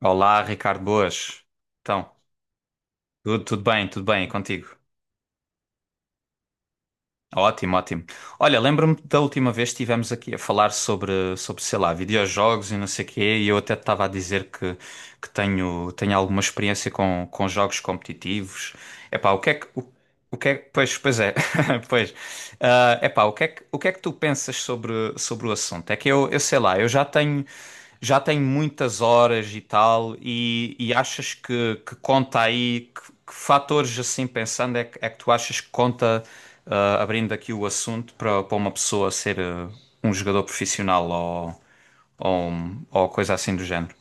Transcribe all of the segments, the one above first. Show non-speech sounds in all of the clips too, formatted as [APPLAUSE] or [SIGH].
Olá, Ricardo, boas. Então, tudo bem, e contigo? Ótimo, ótimo. Olha, lembro-me da última vez que estivemos aqui a falar sobre, sei lá, videojogos e não sei o quê, e eu até te estava a dizer que, que tenho alguma experiência com jogos competitivos. Epá, o que é que... O, o que é que... Pois, pois é, [LAUGHS] pois. O que é que, o que é que tu pensas sobre o assunto? É que eu sei lá, eu já tenho muitas horas e tal, e achas que conta aí, que fatores assim pensando é que tu achas que conta, abrindo aqui o assunto, para uma pessoa ser um jogador profissional ou, ou coisa assim do género?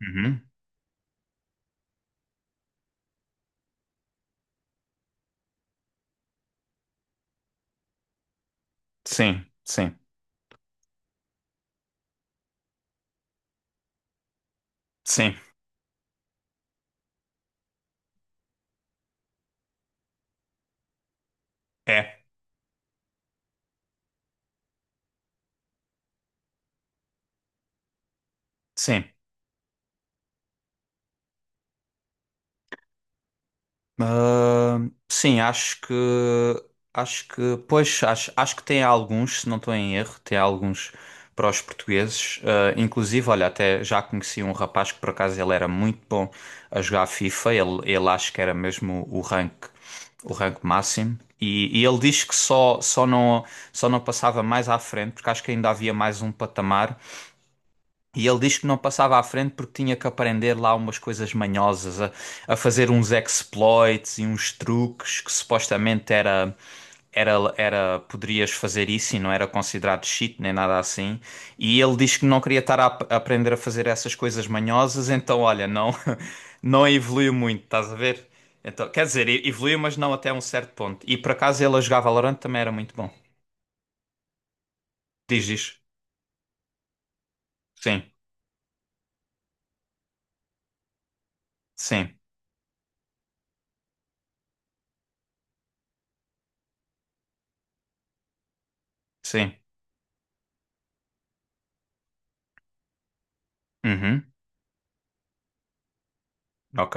Uhum. Sim, sim, sim, é, sim. Ah, sim, acho que acho que tem alguns, se não estou em erro, tem alguns para os portugueses. Ah, inclusive, olha, até já conheci um rapaz que por acaso ele era muito bom a jogar FIFA. Ele acho que era mesmo o rank máximo. E ele diz que só não passava mais à frente porque acho que ainda havia mais um patamar e ele diz que não passava à frente porque tinha que aprender lá umas coisas manhosas, a fazer uns exploits e uns truques que supostamente era, poderias fazer isso e não era considerado cheat nem nada assim. E ele diz que não queria estar a aprender a fazer essas coisas manhosas, então olha, não, [LAUGHS] não evoluiu muito, estás a ver? Então, quer dizer, evoluiu, mas não até um certo ponto. E por acaso ele a jogar Valorant também era muito bom. Diz isso. Sim, sim, sim. Uhum, ok,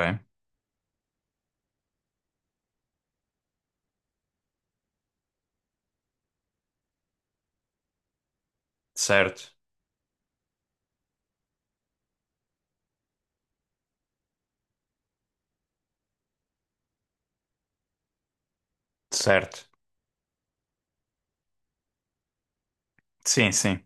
certo. Certo. Sim, sim.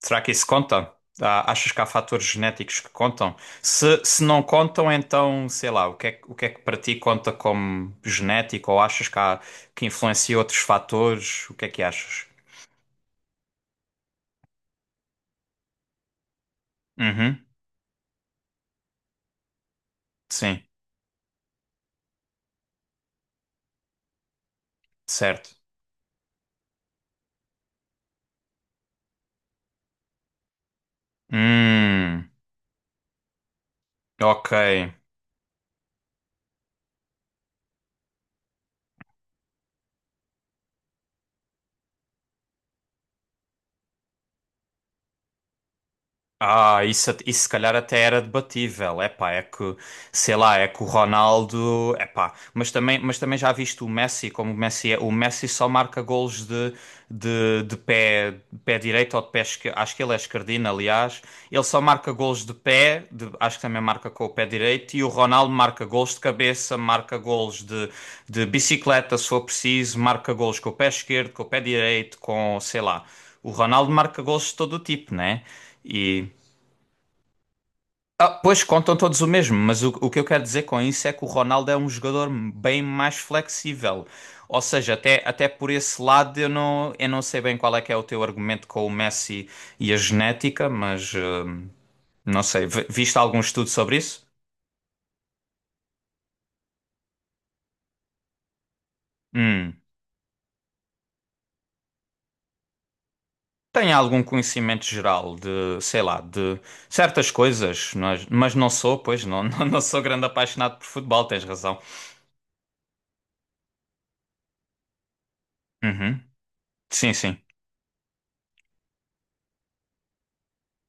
Será que isso conta? Ah, achas que há fatores genéticos que contam? Se não contam, então, sei lá, o que é, o que é que para ti conta como genético? Ou achas que há, que influencia outros fatores? O que é que achas? Uhum. Sim, certo. Hum, ok. Ah, isso, isso se calhar até era debatível. Epá, é que, sei lá, é que o Ronaldo, epá, mas também já viste o Messi, como o Messi é, o Messi só marca golos de pé direito ou de pé esquerdo, acho que ele é esquerdino, aliás, ele só marca golos de pé, acho que também marca com o pé direito, e o Ronaldo marca golos de cabeça, marca golos de bicicleta, se for preciso, marca golos com o pé esquerdo, com o pé direito, com, sei lá, o Ronaldo marca golos de todo o tipo, né? E pois contam todos o mesmo, mas o que eu quero dizer com isso é que o Ronaldo é um jogador bem mais flexível. Ou seja, até por esse lado eu não sei bem qual é que é o teu argumento com o Messi e a genética, mas não sei. Viste algum estudo sobre isso? Hum. Tenho algum conhecimento geral de, sei lá, de certas coisas, mas não sou, pois não, [LAUGHS] não, não sou grande apaixonado por futebol, tens razão. Uhum. Sim, sim.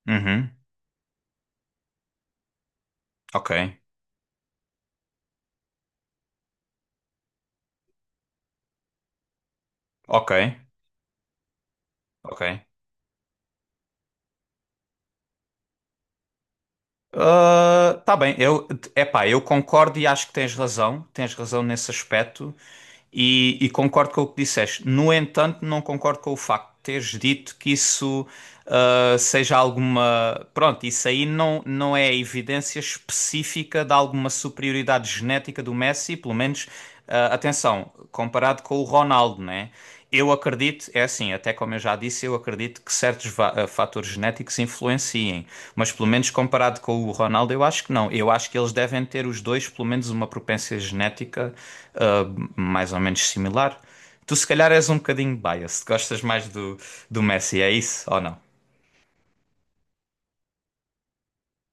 Uhum. Ok. Ok. Ok. Ah, tá bem, eu, epá, eu concordo e acho que tens razão nesse aspecto. E concordo com o que disseste. No entanto, não concordo com o facto de teres dito que isso seja alguma. Pronto, isso aí não, não é evidência específica de alguma superioridade genética do Messi, pelo menos, ah, atenção, comparado com o Ronaldo, né? Eu acredito, é assim, até como eu já disse, eu acredito que certos fatores genéticos influenciem, mas pelo menos comparado com o Ronaldo, eu acho que não. Eu acho que eles devem ter os dois, pelo menos, uma propensão genética mais ou menos similar. Tu se calhar és um bocadinho biased, gostas mais do, do Messi, é isso ou não?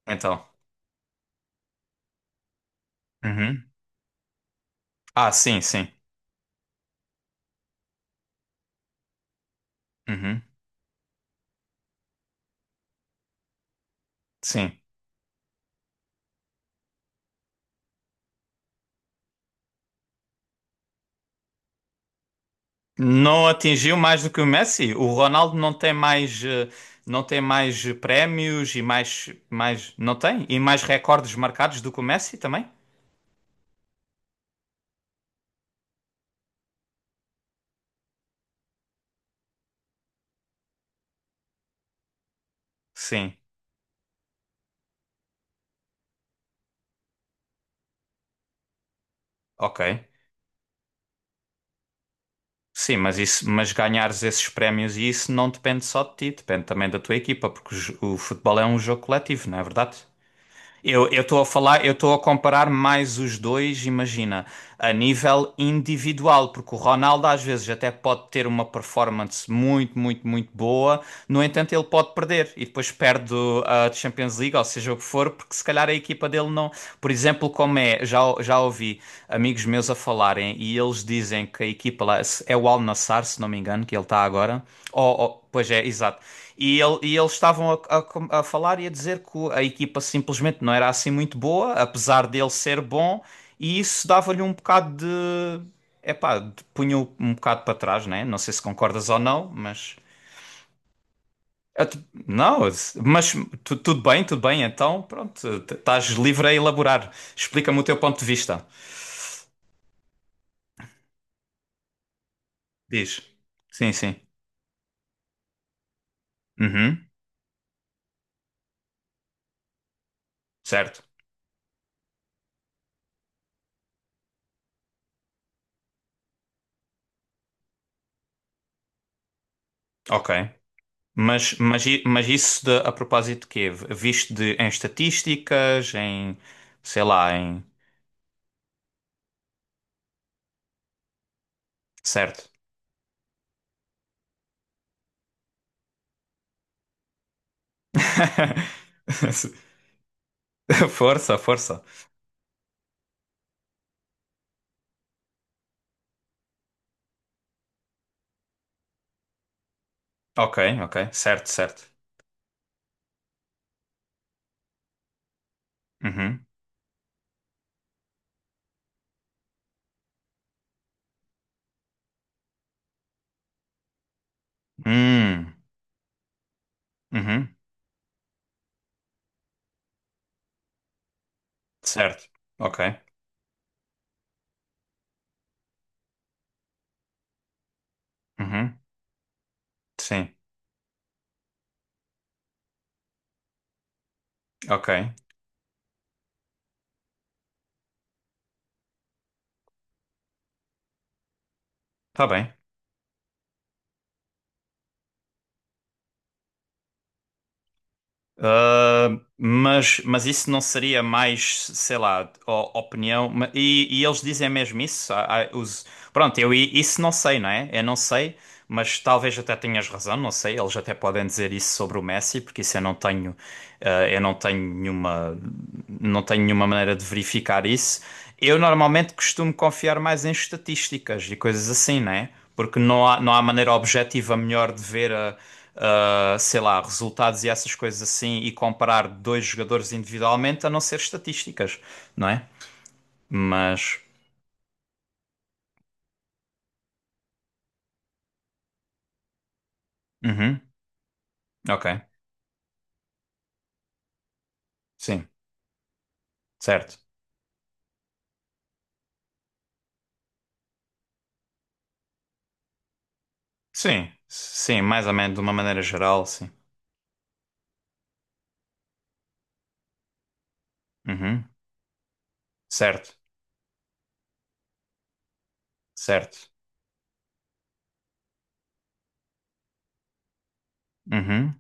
Então. Uhum. Ah, sim, sim. Uhum. Sim. Não atingiu mais do que o Messi? O Ronaldo não tem mais, não tem mais prémios e mais, mais, não tem? E mais recordes marcados do que o Messi também? Sim. Ok. Sim, mas isso, mas ganhares esses prémios e isso não depende só de ti, depende também da tua equipa, porque o o futebol é um jogo coletivo, não é verdade? Eu estou a falar, eu estou a comparar mais os dois, imagina, a nível individual, porque o Ronaldo às vezes até pode ter uma performance muito, muito, muito boa, no entanto ele pode perder e depois perde a Champions League, ou seja o que for, porque se calhar a equipa dele não, por exemplo, como é, já já ouvi amigos meus a falarem e eles dizem que a equipa lá é o Al Nassr, se não me engano, que ele está agora. Pois é, exato. E, e eles estavam a falar e a dizer que a equipa simplesmente não era assim muito boa, apesar dele ser bom, e isso dava-lhe um bocado de. Epá, punha-o um bocado para trás, né? Não sei se concordas ou não, mas. Não, mas tudo bem, então pronto, estás livre a elaborar. Explica-me o teu ponto de vista. Diz. Sim, sim. Uhum. Certo. Ok. Mas, mas isso de, a propósito de quê? Visto de, em estatísticas, em, sei lá, em... Certo. [LAUGHS] Força, força. Ok, ok. Certo, certo. Uhum. Hum. Uhum. Certo. Ok. Uhum. Sim. Ok. Tá bem. Mas isso não seria mais, sei lá, opinião. E eles dizem mesmo isso. Há pronto, eu isso não sei, não é? Eu não sei, mas talvez até tenhas razão, não sei. Eles até podem dizer isso sobre o Messi, porque isso eu não tenho nenhuma, não tenho nenhuma maneira de verificar isso. Eu normalmente costumo confiar mais em estatísticas e coisas assim, não é? Porque não há, não há maneira objetiva melhor de ver sei lá, resultados e essas coisas assim e comparar dois jogadores individualmente, a não ser estatísticas, não é? Mas, uhum, ok, sim, certo. Sim, sim, mais ou menos de uma maneira geral, sim. Uhum, certo, certo. Uhum.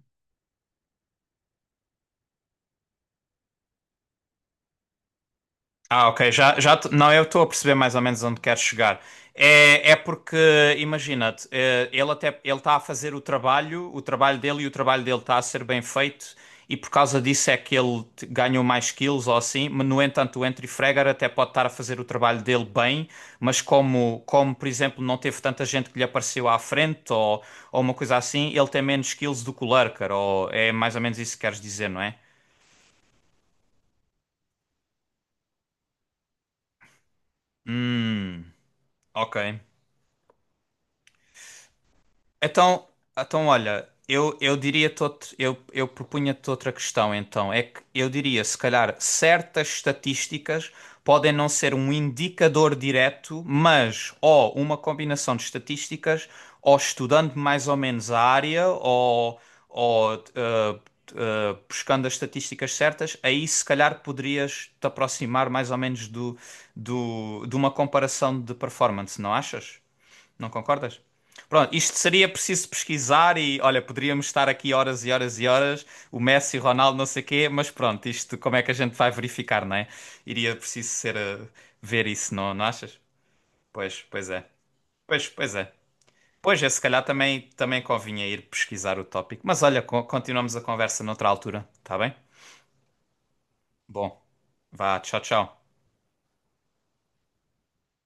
Ah, ok. Já, não, eu estou a perceber mais ou menos onde queres chegar. É, é porque, imagina-te, ele até ele está a fazer o trabalho dele e o trabalho dele está a ser bem feito, e por causa disso é que ele ganhou mais kills ou assim. Mas, no entanto, o Entry Fragger até pode estar a fazer o trabalho dele bem, mas como, como por exemplo, não teve tanta gente que lhe apareceu à frente ou uma coisa assim, ele tem menos kills do que o Lurker, ou é mais ou menos isso que queres dizer, não é? Hum, ok. Então, então olha, eu eu propunha-te outra questão, então. É que eu diria, se calhar, certas estatísticas podem não ser um indicador direto, mas ou uma combinação de estatísticas, ou estudando mais ou menos a área, ou buscando as estatísticas certas, aí se calhar poderias te aproximar mais ou menos do, do, de uma comparação de performance, não achas? Não concordas? Pronto, isto seria preciso pesquisar e, olha, poderíamos estar aqui horas e horas e horas, o Messi, o Ronaldo, não sei o quê, mas pronto, isto como é que a gente vai verificar, não é? Iria preciso ser ver isso, não, não achas? Pois, pois é. Pois, pois é. Pois é, se calhar também, também convinha ir pesquisar o tópico. Mas olha, continuamos a conversa noutra altura, tá bem? Bom, vá, tchau, tchau.